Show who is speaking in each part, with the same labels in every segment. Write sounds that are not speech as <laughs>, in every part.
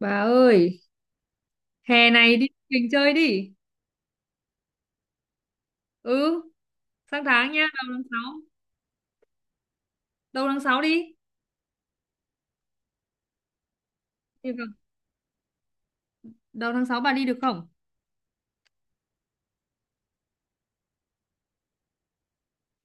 Speaker 1: Bà ơi, hè này đi mình chơi đi. Ừ, sang tháng nha, đầu tháng sáu. Đầu tháng 6 đi. Được không? Đầu tháng 6 bà đi được không?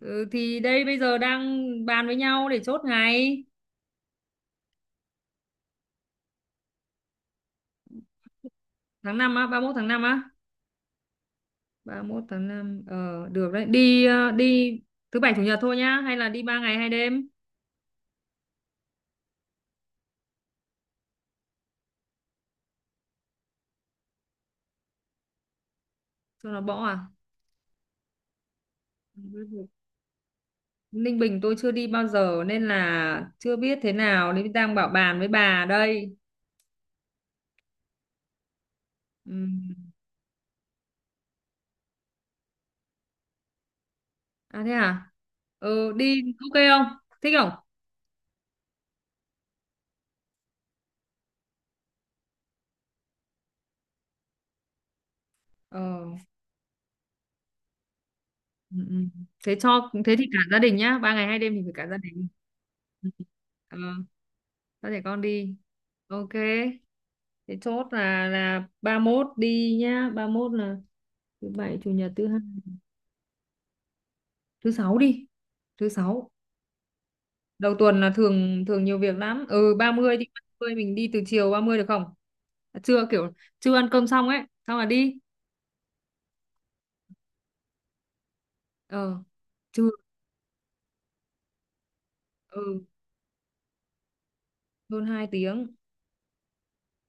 Speaker 1: Ừ, thì đây bây giờ đang bàn với nhau để chốt ngày. Tháng năm á, 31 tháng 5 á. 31 tháng 5 được đấy. Đi đi thứ bảy chủ nhật thôi nhá, hay là đi 3 ngày hai đêm cho nó bỏ à? Ninh Bình tôi chưa đi bao giờ nên là chưa biết thế nào nên đang bảo bàn với bà đây. Ừ. À thế à? Ừ, đi ok không? Thích không? Ờ. Ừ, ừ. Thế cho thế thì cả gia đình nhá, ba ngày hai đêm thì phải cả gia đình. Ừ. Ờ, cho trẻ con đi. Ok. Thế chốt là ba mốt đi nhá, ba mốt là thứ bảy, chủ nhật, thứ hai, thứ sáu đi. Thứ sáu. Đầu tuần là thường thường nhiều việc lắm. Ừ, 30 đi, ba mươi mình đi từ chiều 30 được không? À, trưa kiểu chưa ăn cơm xong ấy, xong là đi. Ờ, trưa ừ, hơn 2 tiếng.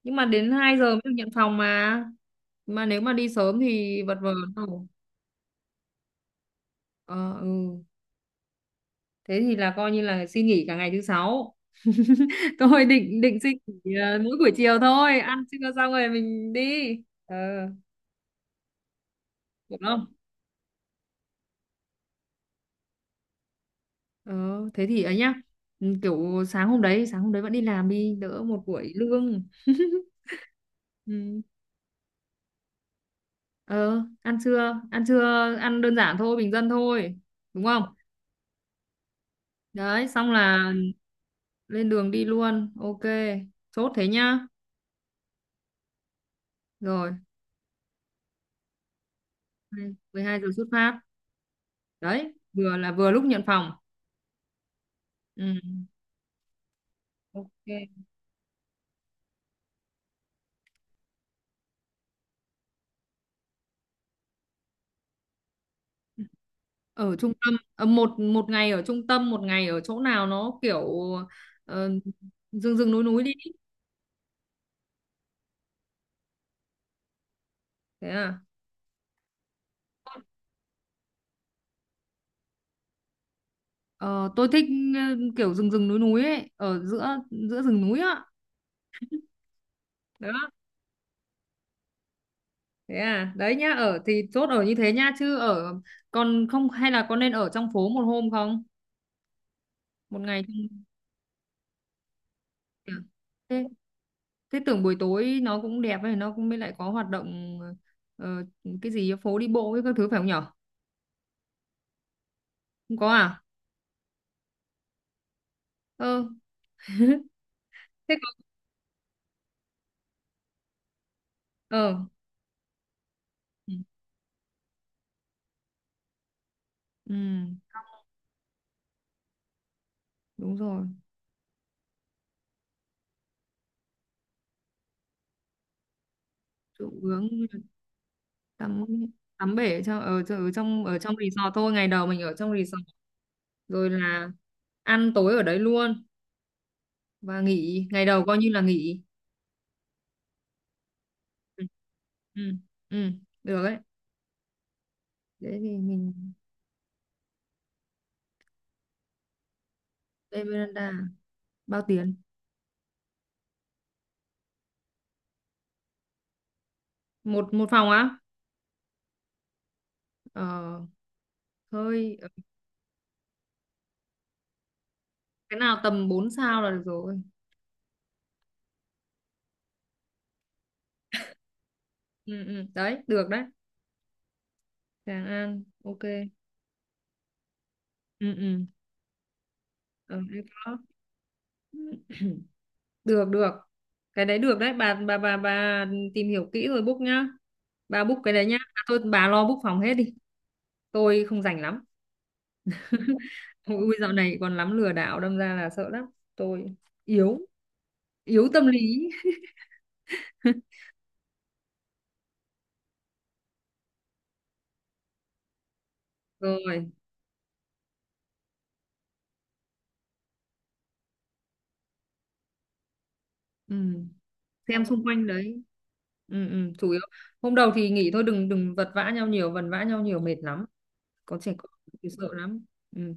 Speaker 1: Nhưng mà đến 2 giờ mới được nhận phòng mà nếu mà đi sớm thì vật vờ đâu. Ờ, ừ. Thế thì là coi như là xin nghỉ cả ngày thứ sáu. <laughs> Tôi định định xin nghỉ mỗi buổi chiều thôi, ăn trưa xong rồi mình đi. Ờ, được không? Ờ, thế thì ấy nhá. Ừ, kiểu sáng hôm đấy, sáng hôm đấy vẫn đi làm, đi đỡ một buổi lương. <laughs> Ừ. Ờ, ăn trưa, ăn trưa ăn đơn giản thôi, bình dân thôi, đúng không? Đấy xong là lên đường đi luôn, ok. Chốt thế nhá. Rồi mười hai giờ xuất phát. Đấy vừa là vừa lúc nhận phòng. Ừ. Ok. Ở trung tâm một một ngày ở trung tâm, một ngày ở chỗ nào nó kiểu ờ, rừng rừng núi núi đi. Thế à. Ờ, tôi thích ờ, kiểu rừng rừng núi núi ấy, ở giữa, giữa rừng núi á. Đó, thế à. Đấy nhá, ở thì chốt ở như thế nhá, chứ ở còn không hay là có nên ở trong phố một hôm không, một ngày không nhỉ? Thế, thế tưởng buổi tối nó cũng đẹp ấy, nó cũng mới lại có hoạt động ờ, cái gì phố đi bộ với các thứ, phải không nhở? Không có à? Ờ, thế có. Ờ. Ừ, ừ, đúng rồi. Chỗ hướng tắm, tắm bể ở trong ở, ở trong, ở trong resort thôi, ngày đầu mình ở trong resort, rồi là ăn tối ở đấy luôn và nghỉ, ngày đầu coi như là nghỉ. Ừ. Ừ. Ừ, được đấy. Thế thì mình Tây Veranda bao tiền? Một một phòng á? Ờ, hơi. Cái nào tầm 4 sao là được rồi. Ừ, ừ, đấy được đấy. Tràng An ok. Ừ, ừ. Ờ, hay có. <clears throat> Được được, cái đấy được đấy. Bà tìm hiểu kỹ rồi book nhá. Bà book cái đấy nhá, à thôi bà lo book phòng hết đi, tôi không rảnh lắm. Ui dạo này còn lắm lừa đảo, đâm ra là sợ lắm. Tôi yếu, yếu tâm lý. <laughs> Rồi. Ừ, xem xung quanh đấy. Ừ, ừ, chủ yếu hôm đầu thì nghỉ thôi, đừng đừng vật vã nhau nhiều, vần vã nhau nhiều mệt lắm, có trẻ con thì sợ lắm. Ừ.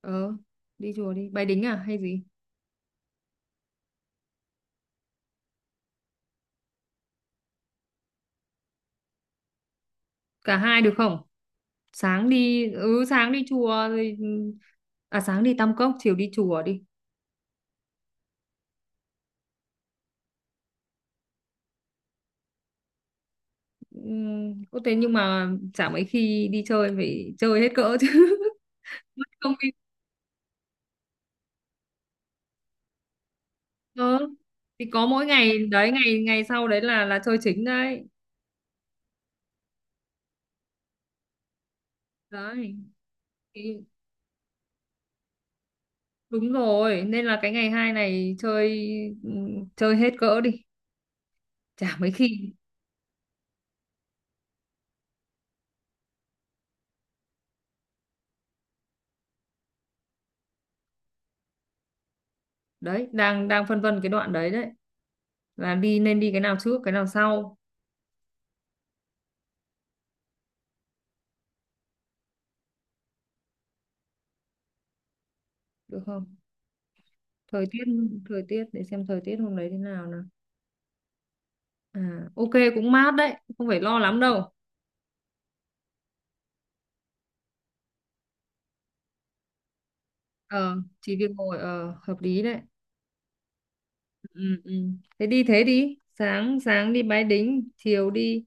Speaker 1: Ờ, đi chùa, đi Bái Đính à hay gì. Cả hai được không? Sáng đi, ừ sáng đi chùa rồi, ừ. À sáng đi Tam Cốc, chiều đi chùa đi. Ừ, có thế, nhưng mà chả mấy khi đi chơi phải chơi hết cỡ chứ. <laughs> Mất công đi. Ờ thì có mỗi ngày đấy, ngày ngày sau đấy là chơi chính đấy. Đấy, thì đúng rồi, nên là cái ngày hai này chơi, ừ, chơi hết cỡ đi, chả mấy khi. Đấy, đang đang phân vân cái đoạn đấy đấy, là đi nên đi cái nào trước, cái nào sau. Được không? Thời tiết, thời tiết để xem thời tiết hôm đấy thế nào nào. À, ok cũng mát đấy, không phải lo lắm đâu. Ờ, chỉ việc ngồi, ờ hợp lý đấy. Ừ, ừ. Thế đi, sáng sáng đi Bái Đính, chiều đi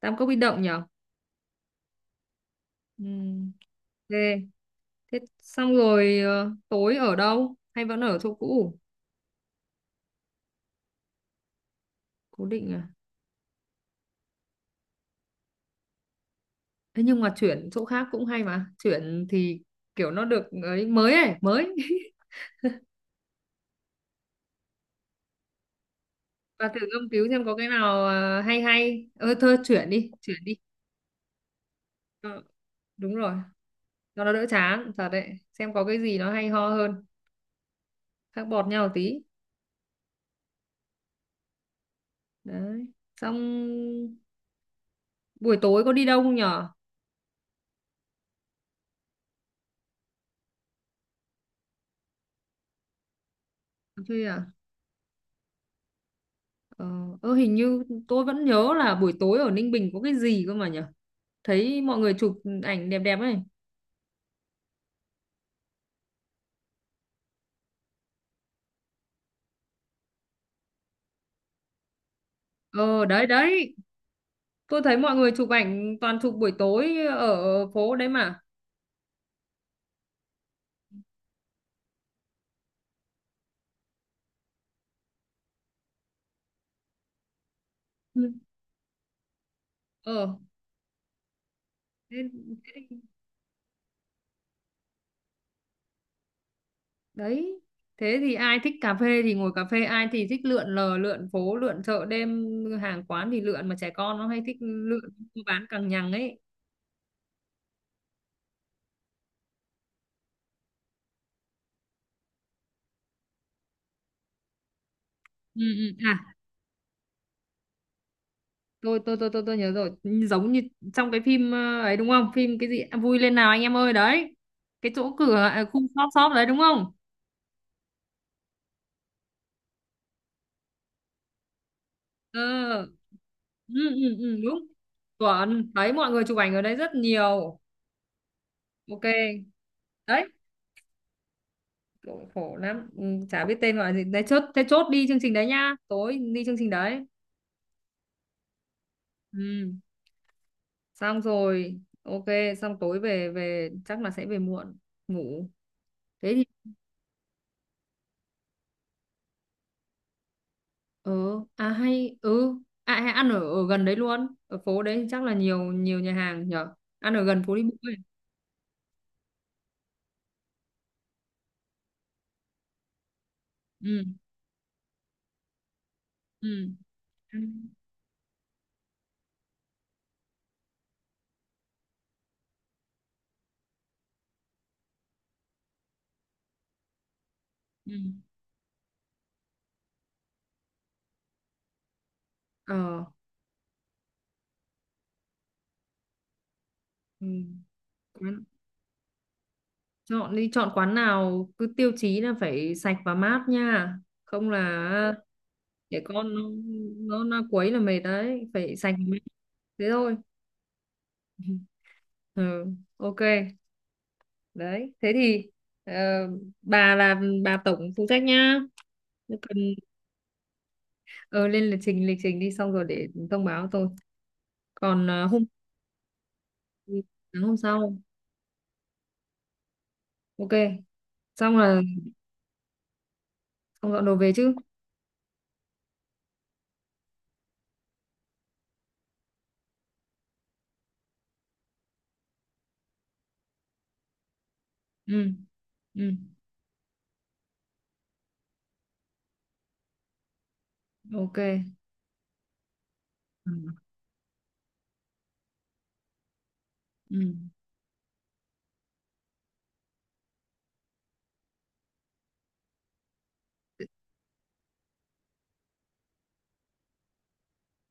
Speaker 1: Tam Cốc Bích Động nhở? Ừ. Ok. Thế xong rồi tối ở đâu? Hay vẫn ở chỗ cũ? Cố định à. Thế nhưng mà chuyển chỗ khác cũng hay mà, chuyển thì kiểu nó được ấy mới ấy mới. <laughs> Và thử nghiên cứu xem có cái nào hay hay. Ơ thôi chuyển đi, chuyển đi. Ờ, đúng rồi, cho nó đỡ chán thật đấy, xem có cái gì nó hay ho hơn, khác bọt nhau tí. Đấy. Xong buổi tối có đi đâu không nhở? Chơi à. Ờ, ơ, hình như tôi vẫn nhớ là buổi tối ở Ninh Bình có cái gì cơ mà nhở, thấy mọi người chụp ảnh đẹp đẹp ấy. Ờ đấy đấy. Tôi thấy mọi người chụp ảnh toàn chụp buổi tối ở phố đấy mà. Ừ. Ờ, thế, thế, thì-. Đấy. Thế thì ai thích cà phê thì ngồi cà phê, ai thì thích lượn lờ, lượn phố, lượn chợ đêm, hàng quán thì lượn, mà trẻ con nó hay thích lượn mua bán càng nhằng ấy. Ừ, ừ. À, tôi nhớ rồi, giống như trong cái phim ấy đúng không? Phim cái gì. À, vui lên nào anh em ơi đấy. Cái chỗ cửa à, khu shop shop đấy đúng không? Ờ. Ừ, ừ, đúng. Chuẩn, thấy mọi người chụp ảnh ở đấy rất nhiều. Ok. Đấy, khổ khổ lắm. Ừ, chả biết tên gọi là gì. Đấy chốt thế, chốt đi chương trình đấy nhá, tối đi chương trình đấy. Ừ, xong rồi ok. Xong tối về, về chắc là sẽ về muộn ngủ. Thế thì ờ, à hay ừ, à hay ăn ở, ở gần đấy luôn, ở phố đấy thì chắc là nhiều, nhiều nhà hàng nhở, ăn ở gần phố đi bộ ấy. Ừ, ừ, ăn-. Ừ. Ờ. Ừ. Chọn đi, chọn quán nào cứ tiêu chí là phải sạch và mát nha. Không là để con nó, nó quấy là mệt đấy, phải sạch và mát. Thế thôi. <laughs> Ừ, ok. Đấy, thế thì ờ, bà là bà tổng phụ trách nhá. Nếu cần. Ờ, lên lịch trình, lịch trình đi xong rồi để thông báo tôi. Còn ờ, hôm sáng hôm sau. Ok. Xong là xong dọn đồ về chứ. Ừ. Ừ, ok. Ừ. Ừ.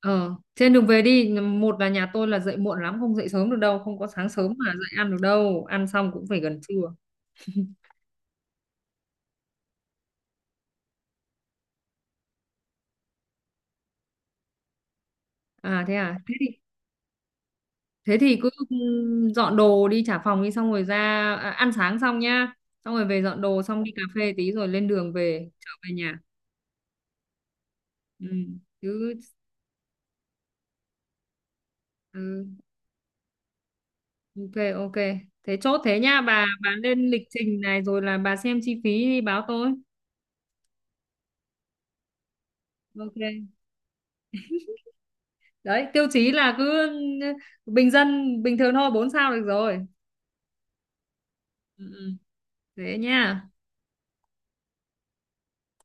Speaker 1: Ờ, trên đường về đi, một là nhà tôi là dậy muộn lắm, không dậy sớm được đâu, không có sáng sớm mà dậy ăn được đâu, ăn xong cũng phải gần trưa. À, thế thì cứ dọn đồ đi trả phòng đi, xong rồi ra. À, ăn sáng xong nhá, xong rồi về dọn đồ, xong đi cà phê tí rồi lên đường về, trở về nhà. Ừ, cứ, ừ, ok, ok, thế chốt thế nhá, bà lên lịch trình này rồi là bà xem chi phí đi báo tôi. Ok, đấy, tiêu chí là cứ ừ, bình dân, bình thường thôi, 4 sao được rồi. Ừ, ừ, thế nha.